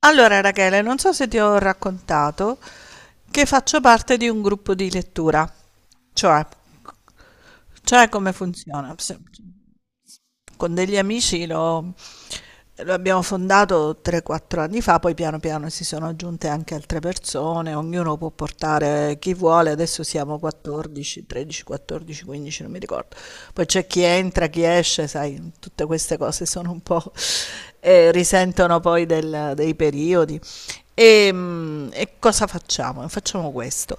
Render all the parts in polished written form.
Allora, Rachele, non so se ti ho raccontato che faccio parte di un gruppo di lettura, cioè, cioè, come funziona? Con degli amici lo abbiamo fondato 3-4 anni fa, poi piano piano si sono aggiunte anche altre persone, ognuno può portare chi vuole, adesso siamo 14, 13, 14, 15, non mi ricordo. Poi c'è chi entra, chi esce, sai, tutte queste cose sono un po' risentono poi dei periodi. E cosa facciamo? Facciamo questo.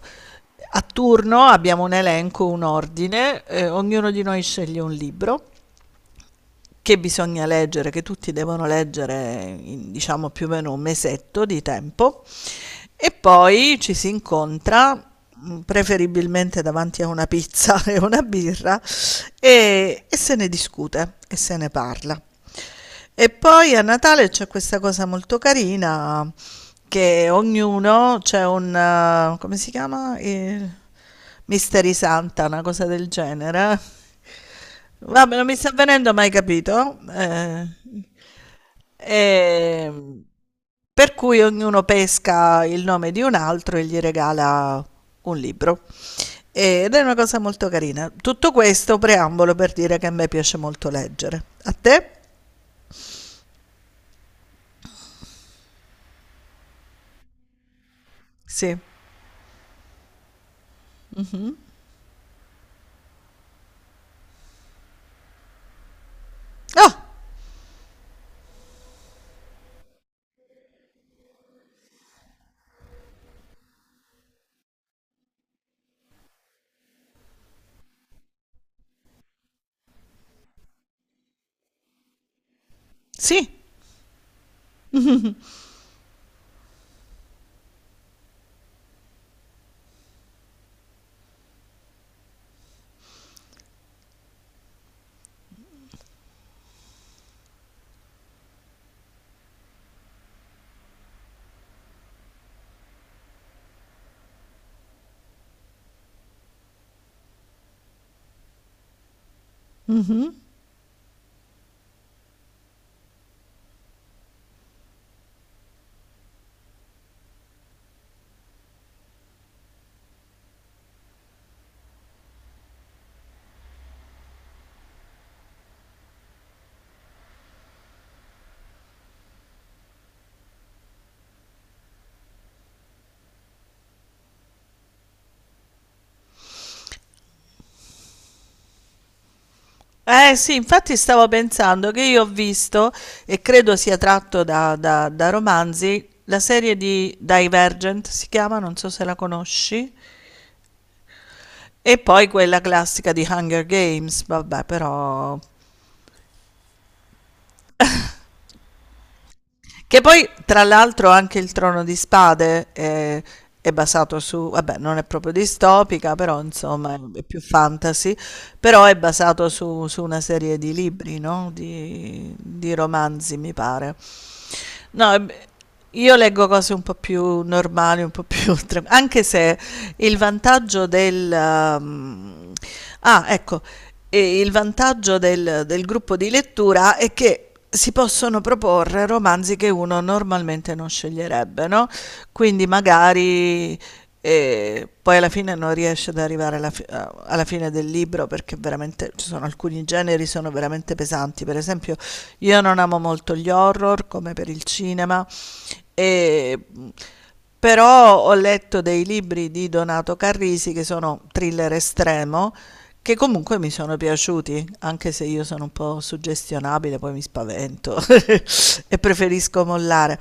A turno abbiamo un elenco, un ordine, ognuno di noi sceglie un libro che bisogna leggere, che tutti devono leggere in diciamo più o meno un mesetto di tempo e poi ci si incontra preferibilmente davanti a una pizza e una birra e se ne discute e se ne parla. E poi a Natale c'è questa cosa molto carina che ognuno c'è un, come si chiama? Il Mystery Santa, una cosa del genere. Vabbè, non mi sta venendo mai capito. Ehm, per cui ognuno pesca il nome di un altro e gli regala un libro. Ed è una cosa molto carina. Tutto questo preambolo per dire che a me piace molto leggere. A te? Sì. Ah, sì. Mhm. Eh sì, infatti stavo pensando che io ho visto, e credo sia tratto da romanzi, la serie di Divergent si chiama, non so se la conosci, e poi quella classica di Hunger Games, vabbè, però che poi, tra l'altro, anche il Trono di Spade è, basato su, vabbè, non è proprio distopica, però insomma è più fantasy, però è basato su una serie di libri, no? Di romanzi, mi pare. No, è, io leggo cose un po' più normali, un po' più tran anche se il vantaggio del mhmm, ah, ecco, il vantaggio del gruppo di lettura è che si possono proporre romanzi che uno normalmente non sceglierebbe, no, quindi magari e poi alla fine non riesce ad arrivare alla fine del libro perché veramente ci sono alcuni generi sono veramente pesanti. Per esempio, io non amo molto gli horror come per il cinema, e, però ho letto dei libri di Donato Carrisi che sono thriller estremo, che comunque mi sono piaciuti, anche se io sono un po' suggestionabile, poi mi spavento e preferisco mollare.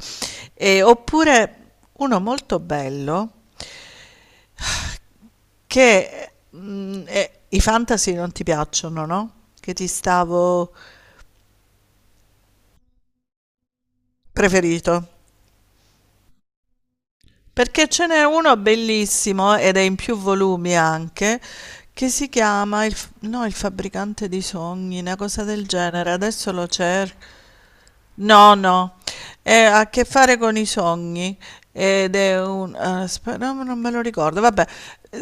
E, oppure uno molto bello che, i fantasy non ti piacciono, no, che ti stavo preferito. Perché ce n'è uno bellissimo, ed è in più volumi anche, che si chiama il f no, il fabbricante di sogni, 'na cosa del genere, adesso lo cer no, no, ha a che fare con i sogni ed è un, aspetta, no, non me lo ricordo, vabbè,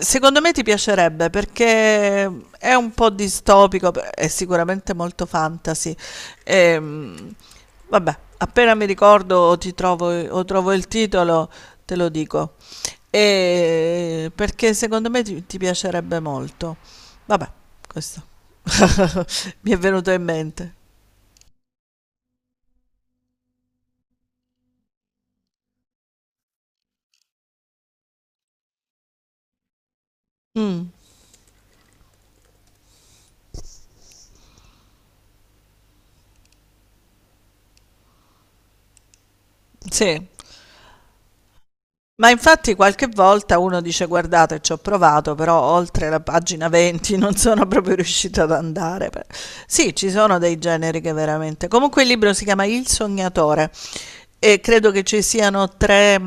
secondo me ti piacerebbe perché è un po' distopico, è sicuramente molto fantasy. Ehm, Vabbè, appena mi ricordo o ti trovo, o trovo il titolo te lo dico. E perché secondo me ti piacerebbe molto, vabbè, questo mi è venuto in mente. Mm, sì. Ma infatti qualche volta uno dice: "Guardate c'ho provato, però oltre la pagina 20 non sono proprio riuscito ad andare." Pe Sì, ci sono dei generi che veramente comunque il libro si chiama Il sognatore e credo che ci siano 3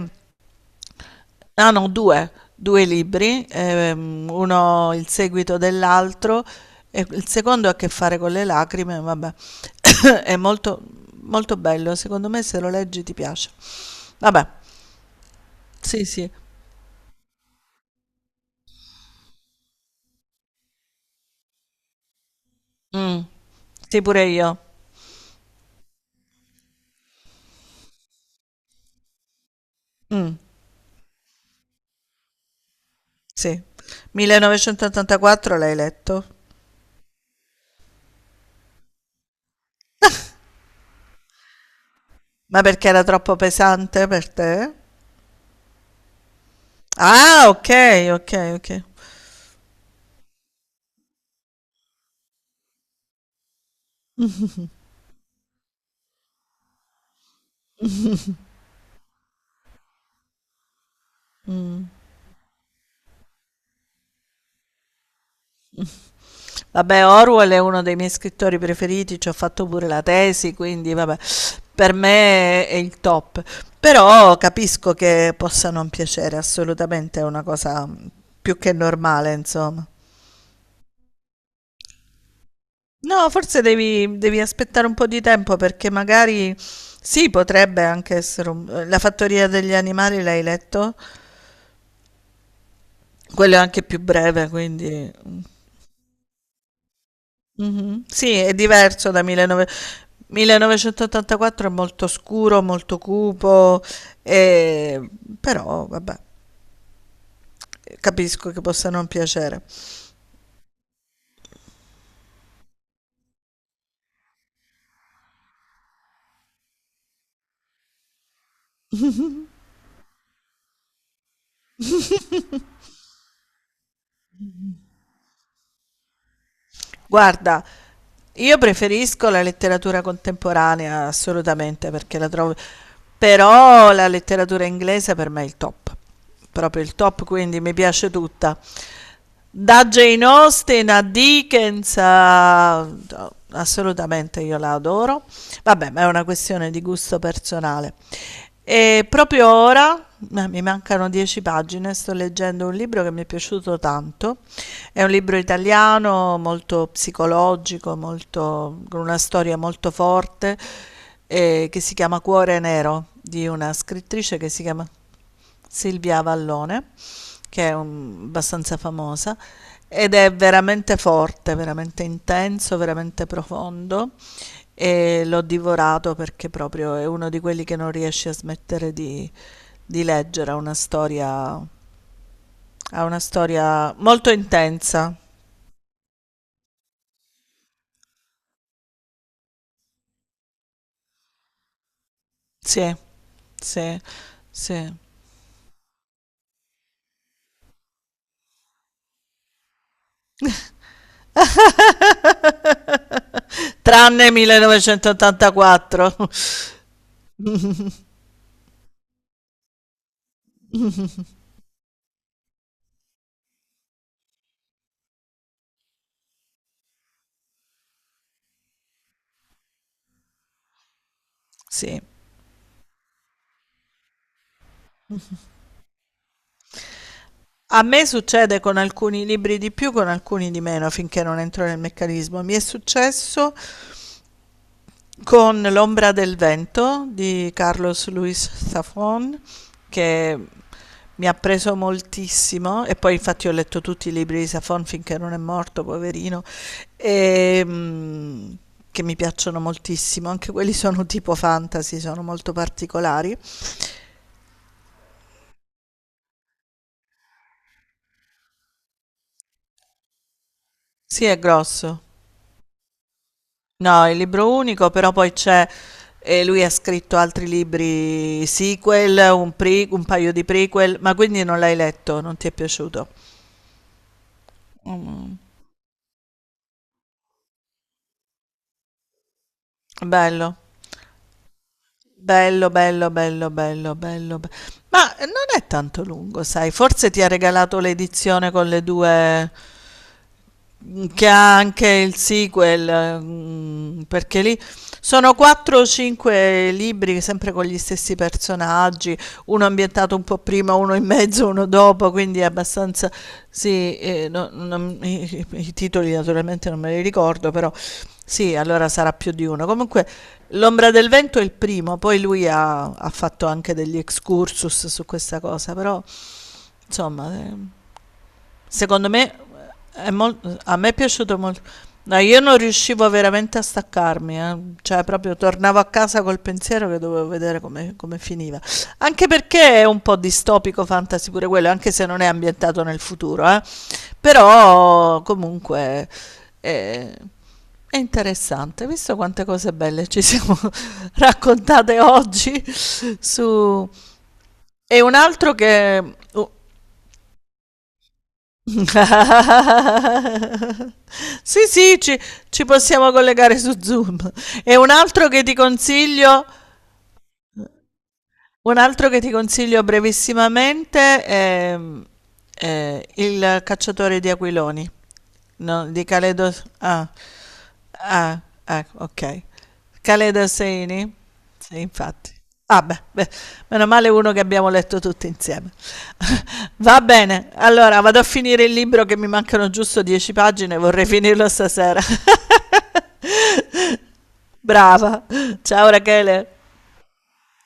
ah no 2, 2 libri, uno il seguito dell'altro e il secondo ha a che fare con le lacrime, vabbè. È molto molto bello, secondo me se lo leggi ti piace. Vabbè, sì, sì. Mh. Sì, pure io. Mh, sì. 1984 l'hai letto? Ma perché era troppo pesante per te? Ah, okay, okay, okay. Mh. Vabbè, Orwell è uno dei miei scrittori preferiti, ci ho fatto pure la tesi, quindi vabbè, per me è il top. Però capisco che possa non piacere, assolutamente è una cosa, più che normale, insomma. No, forse devi aspettare un po' di tempo perché magari sì, potrebbe anche essere La fattoria degli animali l'hai letto? Quello è anche più breve, quindi. Mhm. Sì, è diverso da 1900 1984 è molto scuro, molto cupo, e- però vabbè, capisco che possa non piacere. Guarda, io preferisco la letteratura contemporanea assolutamente perché la trovo, però la letteratura inglese per me è il top, proprio il top, quindi mi piace tutta. Da Jane Austen a Dickens a, no, assolutamente io la adoro. Vabbè, ma è una questione di gusto personale. E proprio ora, ma mi mancano 10 pagine, sto leggendo un libro che mi è piaciuto tanto. È un libro italiano, molto psicologico, molto- con una storia molto forte, che si chiama Cuore Nero, di una scrittrice che si chiama Silvia Avallone, che è un- abbastanza famosa, ed è veramente forte, veramente intenso, veramente profondo e l'ho divorato perché proprio è uno di quelli che non riesce a smettere di leggere, ha una storia molto intensa, sì, sì, sì, tranne 1984, sì. A me succede con alcuni libri di più, con alcuni di meno, finché non entro nel meccanismo. Mi è successo con L'ombra del vento di Carlos Luis Zafón, che mi ha preso moltissimo e poi infatti ho letto tutti i libri di Zafón finché non è morto, poverino, e, mm, che mi piacciono moltissimo. Anche quelli sono tipo fantasy, sono molto particolari. Sì, è grosso. No, il libro unico, però poi c'è, lui ha scritto altri libri sequel, un paio di prequel, ma quindi non l'hai letto, non ti è piaciuto. Mm, bello. Bello, bello, bello, bello, bello. Ma non è tanto lungo, sai? Forse ti ha regalato l'edizione con le due, che ha anche il sequel, perché lì sono 4 o 5 libri, sempre con gli stessi personaggi, uno ambientato un po' prima, uno in mezzo, uno dopo, quindi è abbastanza. Sì, i titoli naturalmente non me li ricordo, però sì, allora sarà più di uno. Comunque L'ombra del vento è il primo, poi lui ha fatto anche degli excursus su questa cosa, però insomma, secondo me a me è piaciuto molto. No, io non riuscivo veramente a staccarmi, eh. Cioè proprio tornavo a casa col pensiero che dovevo vedere come finiva. Anche perché è un po' distopico fantasy pure quello, anche se non è ambientato nel futuro, eh. Però comunque eh, è interessante, visto quante cose belle ci siamo raccontate oggi su. E un altro che, oh. Sì, sì, ci possiamo collegare su Zoom. E un altro che ti consiglio. Un altro che ti consiglio brevissimamente è, Il cacciatore di aquiloni, no, di Caledo ah, ah, okay. Caledo Saini? Sì, infatti. Ah beh, beh, meno male uno che abbiamo letto tutti insieme. Va bene, allora vado a finire il libro che mi mancano giusto 10 pagine, vorrei finirlo stasera. Brava. Ciao Rachele.